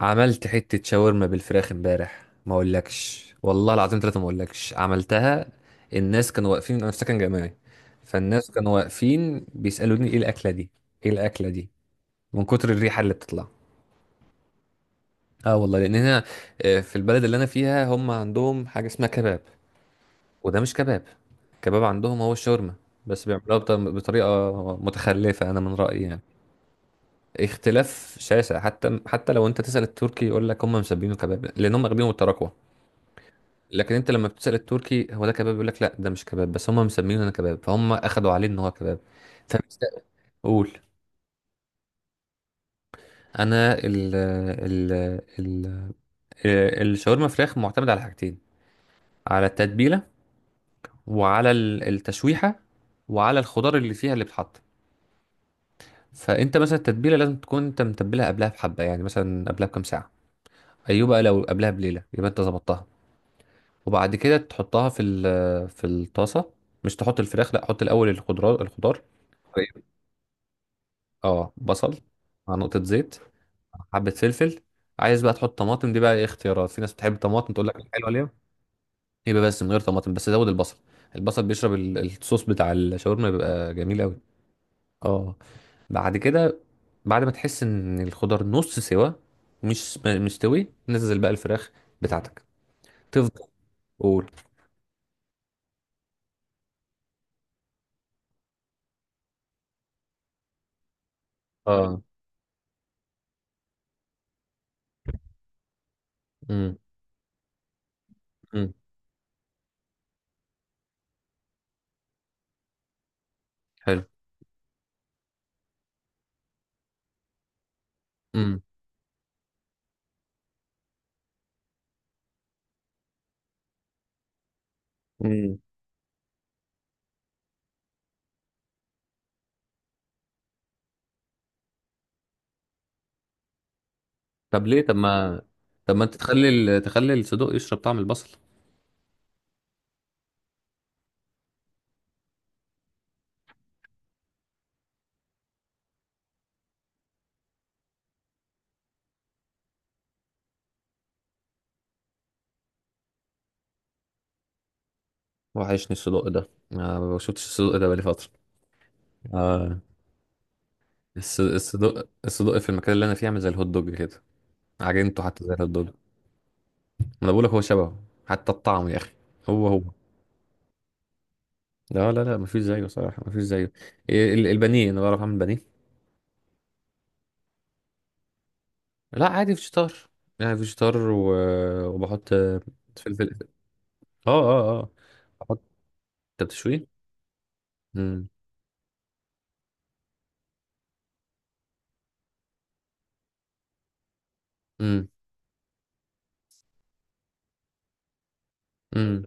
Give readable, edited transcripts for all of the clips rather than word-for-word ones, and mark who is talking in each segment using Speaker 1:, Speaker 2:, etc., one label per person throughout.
Speaker 1: عملت حتة شاورما بالفراخ امبارح ما اقولكش والله العظيم ثلاثة ما اقولكش عملتها. الناس كانوا واقفين، انا في سكن جامعي، فالناس كانوا واقفين بيسألوني ايه الأكلة دي، ايه الأكلة دي من كتر الريحة اللي بتطلع. اه والله، لأن هنا في البلد اللي انا فيها هم عندهم حاجة اسمها كباب، وده مش كباب. كباب عندهم هو الشاورما، بس بيعملوها بطريقة متخلفة انا من رأيي يعني. اختلاف شاسع. حتى لو انت تسأل التركي يقول لك هم مسمينه كباب لان هم واخدينه بالتراكوة، لكن انت لما بتسأل التركي هو ده كباب يقول لك لا، ده مش كباب، بس هم مسمينه انا كباب، فهم اخدوا عليه ان هو كباب. فبقول انا ال الشاورما فراخ معتمد على حاجتين: على التتبيله، وعلى التشويحه، وعلى الخضار اللي فيها اللي بتحط. فانت مثلا التتبيله لازم تكون انت متبلها قبلها بحبه، يعني مثلا قبلها بكام ساعه. ايوه، بقى لو قبلها بليله يبقى انت ظبطتها. وبعد كده تحطها في الطاسه. مش تحط الفراخ، لا، حط الاول الخضار الخضار. اه، بصل مع نقطة زيت، مع حبة فلفل. عايز بقى تحط طماطم دي بقى ايه اختيارات، في ناس بتحب الطماطم تقول لك حلوة عليها. يبقى بس من غير طماطم، بس زود البصل. البصل بيشرب الصوص بتاع الشاورما، بيبقى جميل قوي. اه. بعد كده، بعد ما تحس ان الخضار نص سوا، مش م- مستوي، نزل بقى الفراخ بتاعتك. تفضل، قول. اه. امم. امم. حلو. امم. امم. طب ليه؟ طب ما، طب ما انت تخلي تخلي الصدوق يشرب طعم البصل. وحشني الصدق ده، ما بشوفش الصدق ده بقالي فترة. آه. الصدق الصدق في المكان اللي أنا فيه عامل زي الهوت دوج كده، عجنته حتى زي الهوت دوج. ما أنا بقولك هو شبهه حتى الطعم يا أخي، هو هو. لا لا لا، مفيش زيه صراحة، مفيش زيه. إيه، البانيه أنا بعرف أعمل بانيه. لا عادي، فيجيتار يعني، فيجيتار وبحط فلفل. اه اه اه. بحط. أنت بتشويه؟ امم. امم. امم.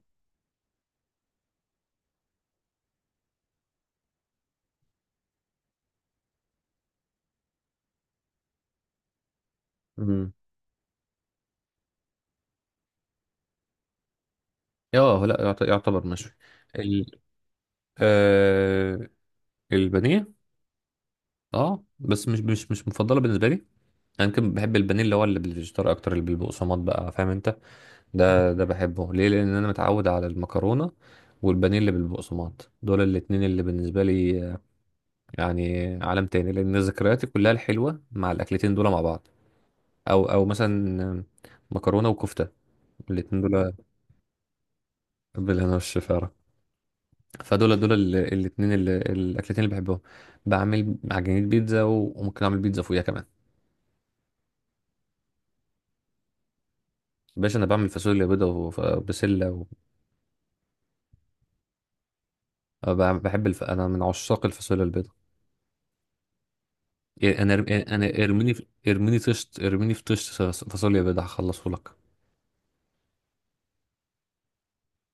Speaker 1: امم. اه، لا يعتبر مشوي. ال... آه... البانيه. اه بس مش مفضله بالنسبه لي. انا يمكن بحب البانيه اللي هو اللي بالفيجيتار اكتر، اللي بالبقسماط بقى، فاهم انت. ده ده بحبه ليه؟ لان انا متعود على المكرونه، والبانيه اللي بالبقسماط، دول الاتنين بالنسبه لي يعني عالم تاني، لان ذكرياتي كلها الحلوه مع الاكلتين دول مع بعض. او مثلا مكرونه وكفته، الاتنين دول، بالهنا والشفاره. فدول دول الاتنين اللي الاكلتين اللي بحبهم. بعمل عجينه بيتزا، وممكن اعمل بيتزا فوقيها كمان. باشا انا بعمل فاصوليا بيضه وبسله بحب انا من عشاق الفاصوليا البيضه. إيه، انا ارميني ارميني طشت، ارميني في طشت فاصوليا بيضه هخلصه لك.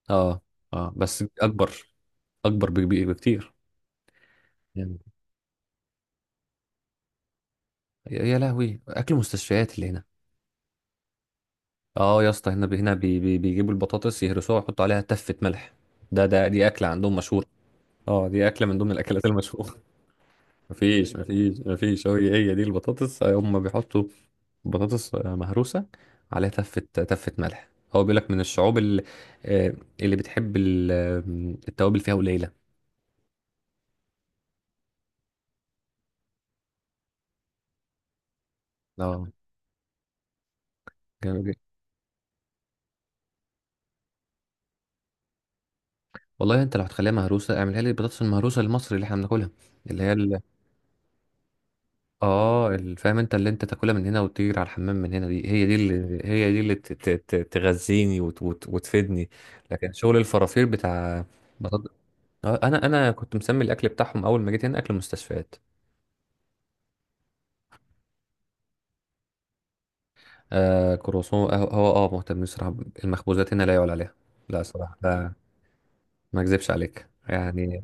Speaker 1: اه. اه بس اكبر، اكبر بكبير بكتير. يعني، يا يا لهوي، اكل مستشفيات اللي هنا. اه يا اسطى، هنا بيجيبوا البطاطس يهرسوها ويحطوا عليها تفه ملح. ده دي اكله عندهم مشهوره. اه دي اكله من ضمن الاكلات المشهوره. مفيش، هو هي دي البطاطس هم بيحطوا بطاطس مهروسة عليها تفة ملح. هو بيقول لك من الشعوب اللي، اللي بتحب التوابل فيها قليلة. اه، جامد جدا. والله انت لو هتخليها مهروسة اعملها لي، البطاطس المهروسة المصري اللي احنا بناكلها، اللي هي اه فاهم انت، اللي انت تاكلها من هنا وتطير على الحمام من هنا، دي هي، دي اللي هي، دي اللي تغذيني وتفيدني. لكن شغل الفرافير بتاع، انا كنت مسمي الاكل بتاعهم اول ما جيت هنا اكل مستشفيات. آه كروسون، هو اه مهتم بصراحه، المخبوزات هنا لا يعلى عليها. لا صراحه لا، ما اكذبش عليك يعني.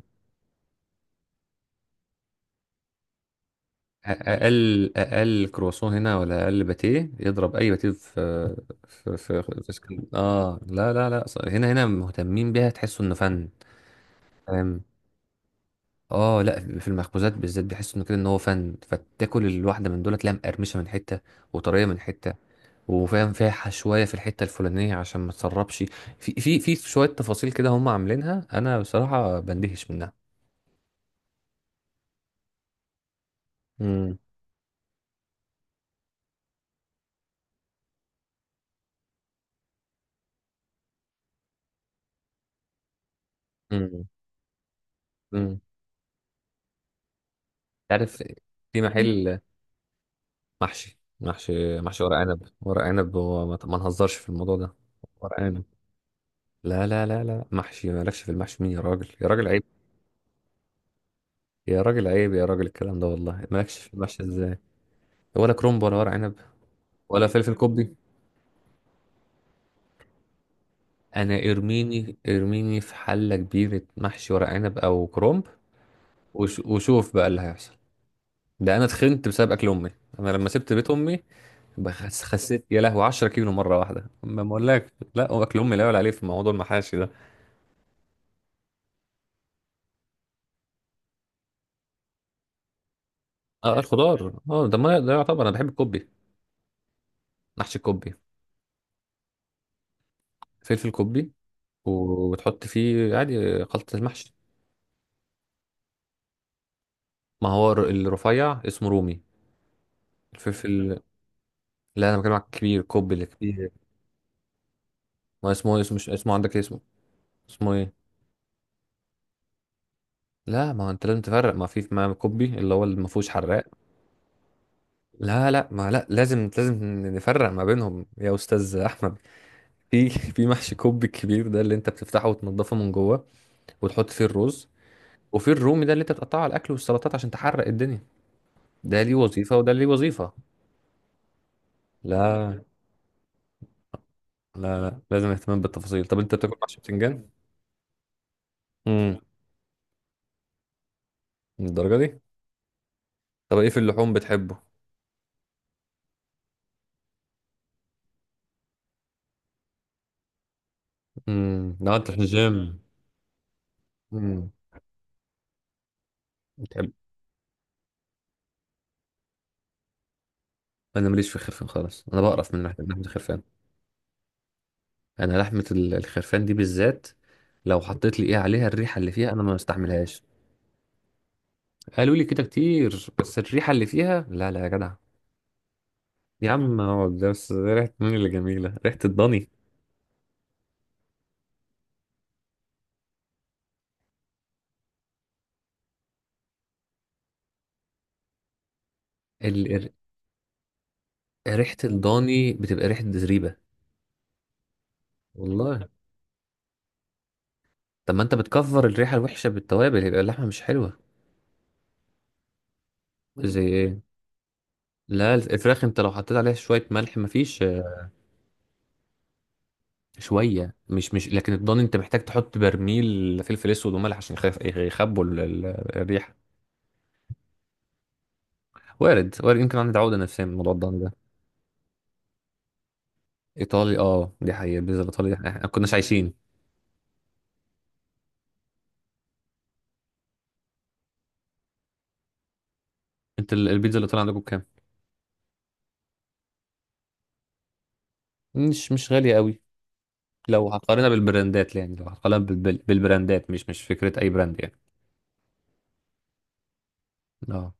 Speaker 1: اقل كروسون هنا ولا اقل باتيه يضرب اي باتيه في في اسكندريه. اه لا لا لا، هنا مهتمين بيها، تحسوا انه فن. فاهم؟ اه، لا في المخبوزات بالذات بيحسوا انه كده ان هو فن، فتاكل الواحده من دول تلاقيها مقرمشه من حته وطريه من حته، وفاهم فيها شويه في الحته الفلانيه عشان ما تسربش. في شويه تفاصيل كده هم عاملينها، انا بصراحه بندهش منها. امم. امم. امم. عارف، في محل، محشي محشي ورق عنب، ورق عنب، هو ما نهزرش في الموضوع ده. ورق عنب. لا لا لا لا محشي، مالكش في المحشي؟ مين يا راجل، يا راجل عيب، يا راجل عيب، يا راجل الكلام ده والله، مالكش في المحشي ازاي؟ ولا كرومب ولا ورق عنب ولا فلفل كوبي. انا ارميني، ارميني في حله كبيره محشي ورق عنب او كرومب وشوف بقى اللي هيحصل. ده انا اتخنت بسبب اكل امي. انا لما سبت بيت امي خسيت، يا لهوي، 10 كيلو مره واحده. ما بقولك لا، هو اكل امي لا يعلى عليه في موضوع المحاشي ده. اه الخضار، اه ده ما ده يعتبر، انا بحب الكوبي، محشي الكوبي. فلفل كوبي، و- وتحط فيه عادي خلطه المحشي. ما هو الرفيع اسمه رومي، الفلفل. لا انا بكلمك كبير، كوبي اللي كبير. ما اسمه إيه؟ اسمه، مش اسمه عندك إيه؟ اسمه، اسمه ايه؟ لا ما هو انت لازم تفرق، ما في ما كوبي اللي هو اللي ما فيهوش حراق. لا لا ما لا، لازم لازم نفرق ما بينهم يا استاذ احمد. في محشي كوب الكبير ده اللي انت بتفتحه وتنضفه من جوه وتحط فيه الرز، وفي الرومي ده اللي انت بتقطعه على الاكل والسلطات عشان تحرق الدنيا. ده ليه وظيفه وده ليه وظيفه. لا لا لا، لازم اهتمام بالتفاصيل. طب انت بتاكل محشي بتنجان؟ امم. الدرجه دي؟ طب ايه في اللحوم بتحبه؟ امم. لا انت في الجيم. امم. بتحب، انا ماليش في الخرفان خالص، انا بقرف من ناحيه، من ناحيه الخرفان. انا لحمه الخرفان دي بالذات لو حطيت لي ايه عليها، الريحه اللي فيها انا ما بستحملهاش. قالوا لي كده كتير، بس الريحه اللي فيها لا لا يا جدع. يا عم هو ده بس، ريحه مين اللي جميله، ريحه الضاني؟ ال... ال- ريحه الضاني بتبقى ريحه زريبه. والله. طب ما انت بتكفر الريحه الوحشه بالتوابل، يبقى اللحمه مش حلوه. زي ايه؟ لا الفراخ انت لو حطيت عليها شويه ملح مفيش، شويه، مش لكن الضاني انت محتاج تحط برميل فلفل اسود وملح عشان يخبوا الريحه. وارد، وارد، يمكن عندي عقدة نفسية من موضوع الضن ده. إيطالي، اه دي حقيقة، البيتزا الإيطالي دي، احنا كناش عايشين. انت البيتزا الإيطالي عندكم بكام؟ مش مش غالية قوي. لو هقارنها بالبراندات، يعني لو هقارنها بالبراندات، مش مش فكرة أي براند يعني. اه.